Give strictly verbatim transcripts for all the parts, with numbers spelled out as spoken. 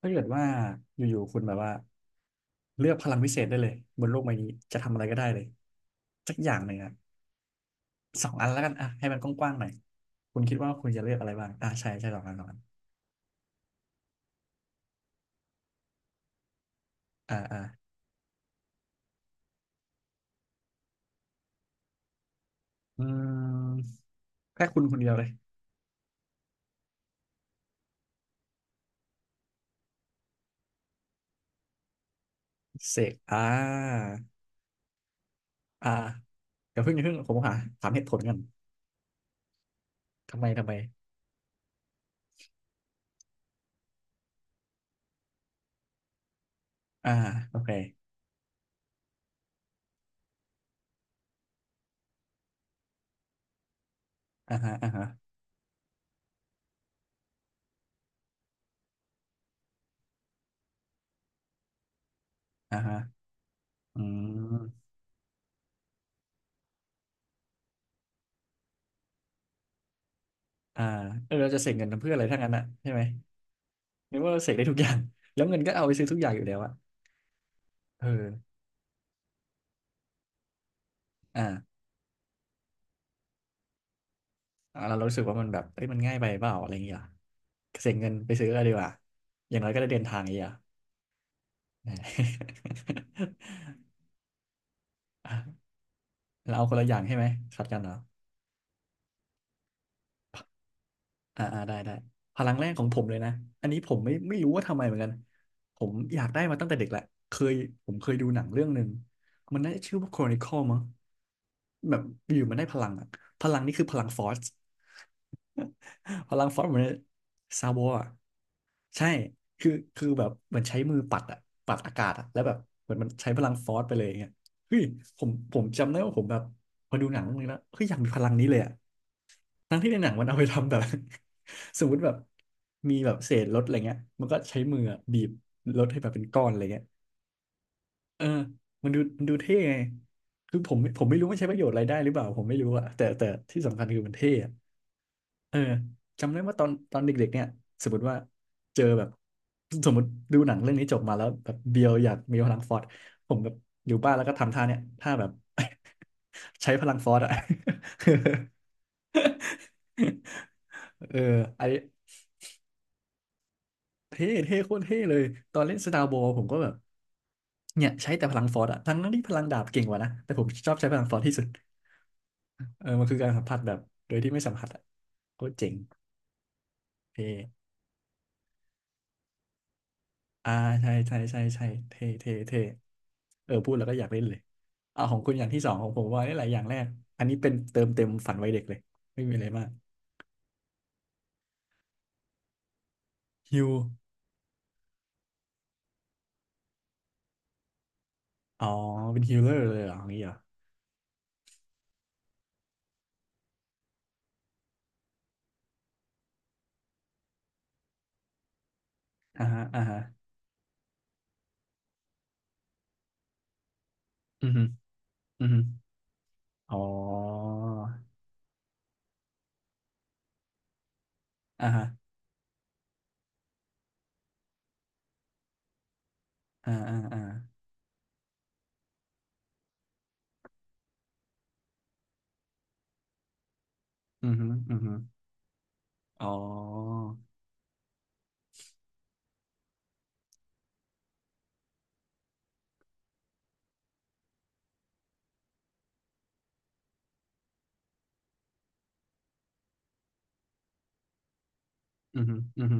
ถ้าเกิดว่าอยู่ๆคุณแบบว่าเลือกพลังพิเศษได้เลยบนโลกใบนี้จะทำอะไรก็ได้เลยสักอย่างหนึ่งอะสองอันแล้วกันอ่ะให้มันกว้างๆหน่อยคุณคิดว่าคุณจะเลือกอะไรบ้างอ่ะใช่ใช่สองอันสองอันอ่าอ่าอืมแค่คุณคนเดียวเลยเสกอ่าอ่าเดี๋ยวเพิ่งอย่าเพิ่งผมหาถามเหตุผลกันทำไมทำไมอ่าโอเคอ่าฮะอ่าฮะอ่าฮะอืมอ่าเออเราจะเสกเงินทำเพื่ออะไรถ้างั้นอะใช่ไหมในเมื่อเราเสกได้ทุกอย่างแล้วเงินก็เอาไปซื้อทุกอย่างอยู่แล้วอะ เอออ่าอ่าเรารู้สึกว่ามันแบบเอ้ยมันง่ายไปเปล่าอะไรอย่างเงี้ยเสียเงินไปซื้ออะไรดีกว่าอย่างน้อยก็ได้เดินทางอีกอ่ะ อ่า อ่ะเราเอาคนละอย่างใช่ไหมขัดกันเหรออ่าอ่าได้ได้พลังแรกของผมเลยนะอันนี้ผมไม่ไม่รู้ว่าทำไมเหมือนกันผมอยากได้มาตั้งแต่เด็กแหละเคยผมเคยดูหนังเรื่องหนึ่งมันน่าจะชื่อว่า Chronicle มั้งแบบอยู่มันได้พลังอ่ะพลังนี่คือพลังฟอร์ส พลังฟอร์สเหมือนซาบอ่ะใช่คือคือแบบเหมือนใช้มือปัดอะปัดอากาศอะแล้วแบบเหมือนมันใช้พลังฟอร์สไปเลยอย่างเงี้ยเฮ้ยผมผมจำได้ว่าผมแบบพอดูหนังเรื่องนี้แล้วเฮ้ยอยากมีพลังนี้เลยอะทั้งที่ในหนังมันเอาไปทำแบบ สมมติแบบมีแบบเศษรถอะไรเงี้ยมันก็ใช้มืออะบีบรถให้แบบเป็นก้อนอะไรเงี้ย เออมันดูมันดูเท่ไงคือผมผมไม่รู้มันใช้ประโยชน์อะไรได้หรือเปล่าผมไม่รู้อะแต่แต่ที่สำคัญคือมันเท่อะเออจำได้ว่าตอนตอนเด็กๆเนี่ยสมมติว่าเจอแบบสมมติดูหนังเรื่องนี้จบมาแล้วแบบเบียวอยากมีพลังฟอร์สผมแบบอยู่บ้านแล้วก็ทำท่าเนี่ยท่าแบบ ใช้พลังฟอร์สอะ เออไอนนี้เท่เท่โคตรเท่เลย ตอนเล่นสตาร์บอลผมก็แบบ เนี่ยใช้แต่พลังฟอร์สอะทั้งนั้นที่พลังดาบเก่งกว่านะแต่ผมชอบใช้พลังฟอร์สที่สุดเออมันคือการสัมผัสแบบโดยที่ไม่สัมผัสอะโคตรเจ๋งเท่อ่าใช่ใช่ใช่ใช่เท่เท่เท่เออพูดแล้วก็อยากเล่นเลยอ่าของคุณอย่างที่สองของผมว่าได้หลายอย่างแรกอันนี้เป็นเติมเต็มฝันวัยเด็กเลยไม่มีอะไรมากฮิวอ๋อเป็นฮิลเลอร์เลยเหรออย่างนี้เหรออ่าฮะอ่าฮะอือฮึอือฮึอ๋ออ่าฮะอ่าอ่าอ่าอือฮึอือฮึอ๋ออือฮึอือฮึ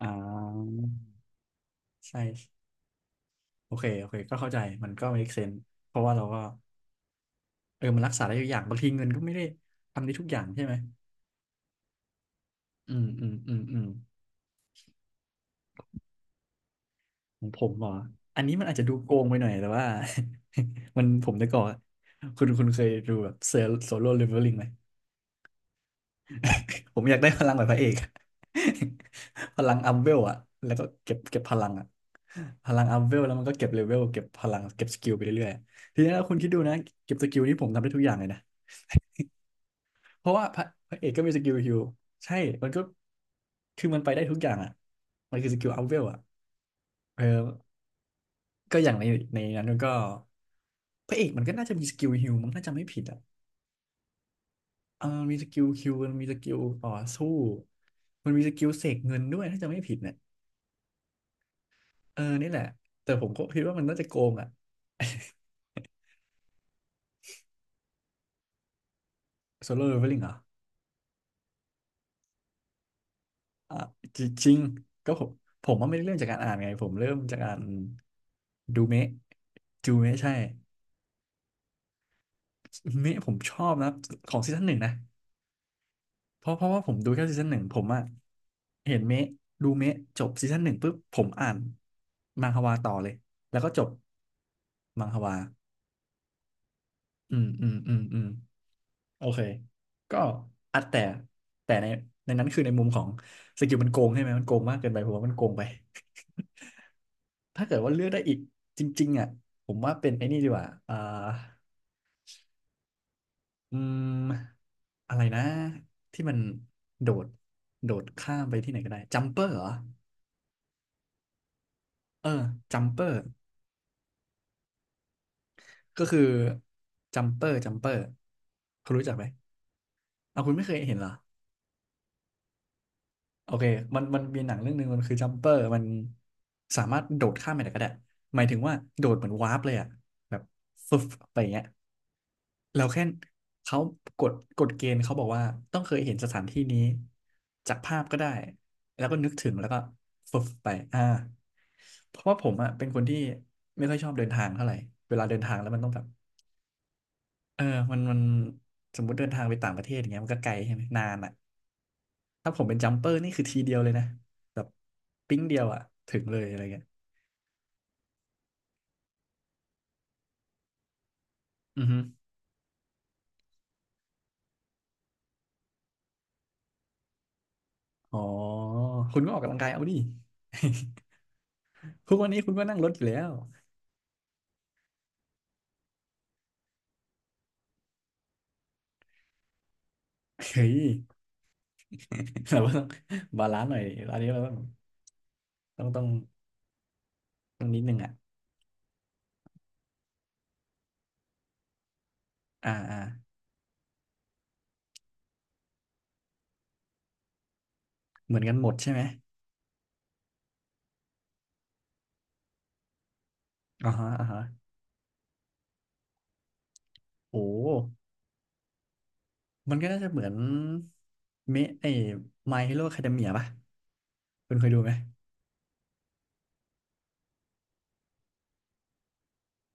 อ่าใช่โอเคโอเคก็เข้าใจมันก็ make sense เพราะว่าเราก็เออมันรักษาได้ทุกอย่างบางทีเงินก็ไม่ได้ทำได้ทุกอย่างใช่ไหมอืมอืมอืมอืมของผมเหรออันนี้มันอาจจะดูโกงไปหน่อยแต่ว่า มันผมแต่ก่อนคุณคุณเคยดูแบบเซลโซโล่เลเวลลิ่งไหม ผมอยากได้พลังแบบพระเอก พลังอัพเวลอะแล้วก็เก็บเก็บพลังอะพลังอัพเวลแล้วมันก็เก็บเลเวลเก็บพลังเก็บสกิลไปเรื่อยๆทีนี้ถ้าคุณคิดดูนะเก็บสกิลนี่ผมทำได้ทุกอย่างเลยนะ เพราะว่าพระพระเอกก็มีสกิลฮิลใช่มันก็คือมันไปได้ทุกอย่างอ่ะมันคือสกิลอัพเวลอ่ะเออก็อย่างในในนั้นมันก็พระเอกมันก็น่าจะมีสกิลฮิลมันน่าจะไม่ผิดอ่ะเออมันมีสกิลฮิลมันมีสกิลต่อสู้มันมีสกิลเสกเงินด้วยถ้าจะไม่ผิดเนี่ยเออนี่แหละแต่ผมก็คิดว่ามันน่าจะโกงอ่ะ โซโล่เลเวลลิ่งเหรออ่ะจริงๆก็ผมผมว่าไม่ได้เริ่มจากการอ่านไงผมเริ่มจากการดูเมะจูเมะใช่ เมะผมชอบนะของซีซั่นหนึ่งนะเพราะเพราะว่าผมดูแค่ซีซั่นหนึ่งผมอะเห็นเมะดูเมะจบซีซั่นหนึ่งปุ๊บผมอ่านมังฮวาต่อเลยแล้วก็จบมังฮวาอืมอืมอืมอืมโอเคก็อัดแต่แต่ในในนั้นคือในมุมของสกิลมันโกงใช่ไหมมันโกงมากเกินไปผมว่ามันโกงไป ถ้าเกิดว่าเลือกได้อีกจริงๆอ่ะผมว่าเป็นไอ้นี่ดีกว่าอ่า อืมอะไรนะที่มันโดดโดดข้ามไปที่ไหนก็ได้จัมเปอร์เหรอเออจัมเปอร์ก็คือจัมเปอร์จัมเปอร์คุณรู้จักไหมเอาคุณไม่เคยเห็นเหรอโอเคมันมันมีหนังเรื่องหนึ่งมันคือจัมเปอร์มันสามารถโดดข้ามไปไหนก็ได้หมายถึงว่าโดดเหมือนวาร์ปเลยอะแบบฟึบไปอย่างเงี้ย เราแค่เขากฎกฎเกณฑ์เขาบอกว่าต้องเคยเห็นสถานที่นี้จากภาพก็ได้แล้วก็นึกถึงแล้วก็ฟึบไปอ่าเพราะว่าผมอ่ะเป็นคนที่ไม่ค่อยชอบเดินทางเท่าไหร่เวลาเดินทางแล้วมันต้องแบบเออมันมันสมมุติเดินทางไปต่างประเทศอย่างเงี้ยมันก็ไกลใช่ไหมนานอ่ะถ้าผมเป็นจัมเปอร์นี่คือทีเดียวเลยนะแบบปิ๊งเดียวอ่ะถึงเลยอะไรเงี้ยอือฮึอ๋อคุณก็ออกกำลังกายเอาดิ ทุกวันนี้คุณก็นั่งรถอยู่แล้วเฮ้ย เราก็ต้องบาลานซ์หน่อยอันนี้เราต้องต้องต้องต้องนิดนึงอ่ะอ่าอ่าเหมือนกันหมดใช่ไหมอ่าฮะอ่าฮะโอ้มันก็น่าจะเหมือนเมะไอ้ มายฮีโร่อะคาเดเมีย ป่ะคุณเคยดูไหม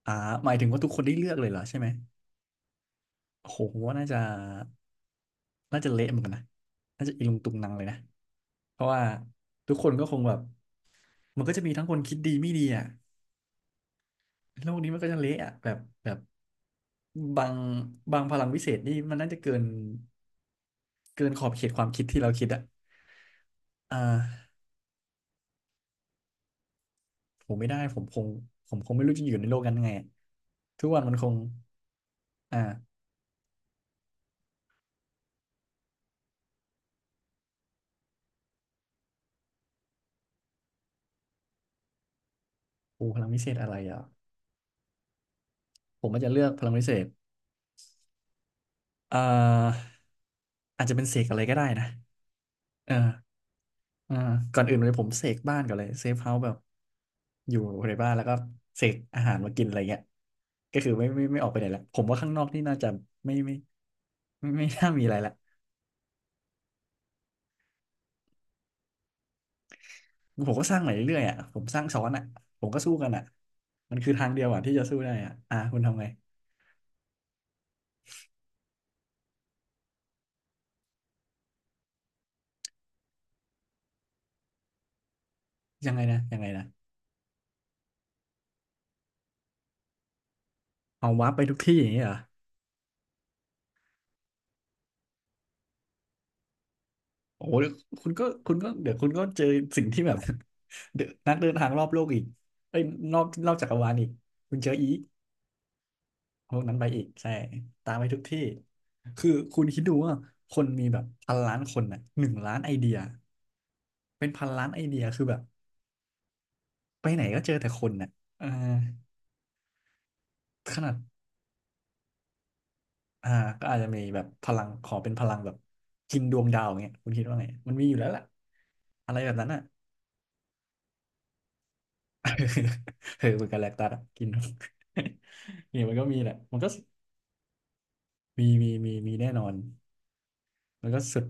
อ่าหมายถึงว่าทุกคนได้เลือกเลยเหรอใช่ไหมโอ้โหผมว่าน่าจะน่าจะเละเหมือนกันนะน่าจะอีลุงตุงนังเลยนะเพราะว่าทุกคนก็คงแบบมันก็จะมีทั้งคนคิดดีไม่ดีอ่ะโลกนี้มันก็จะเละอ่ะแบบแบบบางบางพลังวิเศษนี่มันน่าจะเกิน เกินขอบเขตความคิดที่เราคิดอ่ะอ่าผมไม่ได้ผมคงผมคงไม่รู้จะอยู่ในโลกนั้นยังไงอะทุกวันมันคงอ่าโอ้พลังวิเศษอะไรอ่ะ ผมอาจจะเลือกพลังวิเศษอ่าอาจจะเป็นเสกอะไรก็ได้นะเอออ่าก่อนอื่นเลยผมเสกบ้านก่อนเลยเซฟเฮาส์แบบอยู่ในบ้านแล้วก็เสกอาหารมากินอะไรเงี้ยก็คือไม่ไม่ไม่ออกไปไหนละผมว่าข้างนอกนี่น่าจะไม่ไม่ไม่ไม่น่ามีอะไรละ ผมก็สร้างใหม่เรื่อยๆอ่ะผมสร้างซ้อนอ่ะผมก็สู้กันอ่ะมันคือทางเดียวอ่ะที่จะสู้ได้อ่ะอ่ะคุณทำไงยังไงนะยังไงนะเอาวาร์ปไปทุกที่อย่างนี้เหรอโอ้โหคุณก็คุณก็เดี๋ยวคุณก็เจอสิ่งที่แบบ เดี๋ยวนักเดินทางรอบโลกอีกเอ้ยนอกนอกจักรวาลอีกคุณเจออีกพวกนั้นไปอีกใช่ตามไปทุกที่คือคุณคิดดูว่าคนมีแบบพันล้านคนน่ะหนึ่งล้านไอเดียเป็นพันล้านไอเดียคือแบบไปไหนก็เจอแต่คนน่ะเออขนาด อ่าก็อาจจะมีแบบพลังขอเป็นพลังแบบกินดวงดาวอย่างเงี้ยคุณคิดว่าไงมันมีอยู่แล้วล่ะอะไรแบบนั้นอ่ะ เออเหมือนกับแลคตัสอะกิน เนี่ยมันก็มีแหละมันก็มีมีมีมีแน่นอนมันก็สุด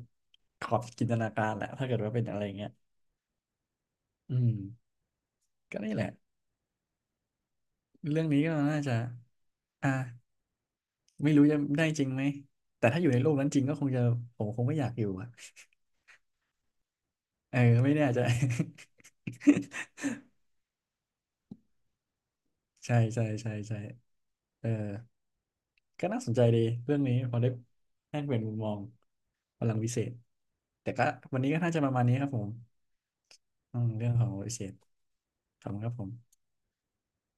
ขอบจินตนาการแหละถ้าเกิดว่าเป็นอะไรอย่างเงี้ยอืมก็นี่แหละเรื่องนี้ก็น่าจะอ่าไม่รู้จะได้จริงไหมแต่ถ้าอยู่ในโลกนั้นจริงก็คงจะผมคงไม่อยากอยู่อะเออไม่แน่ใจ ใช่ใช่ใช่ใช่เออ ก็น่าสนใจดีเรื่องนี้พอได้แลกเปลี่ยนมุมมองพลังวิเศษแต่ก็วันนี้ก็น่าจะประมาณนี้ครับผมอืมเรื่องของวิเศษขอบคุณครับผม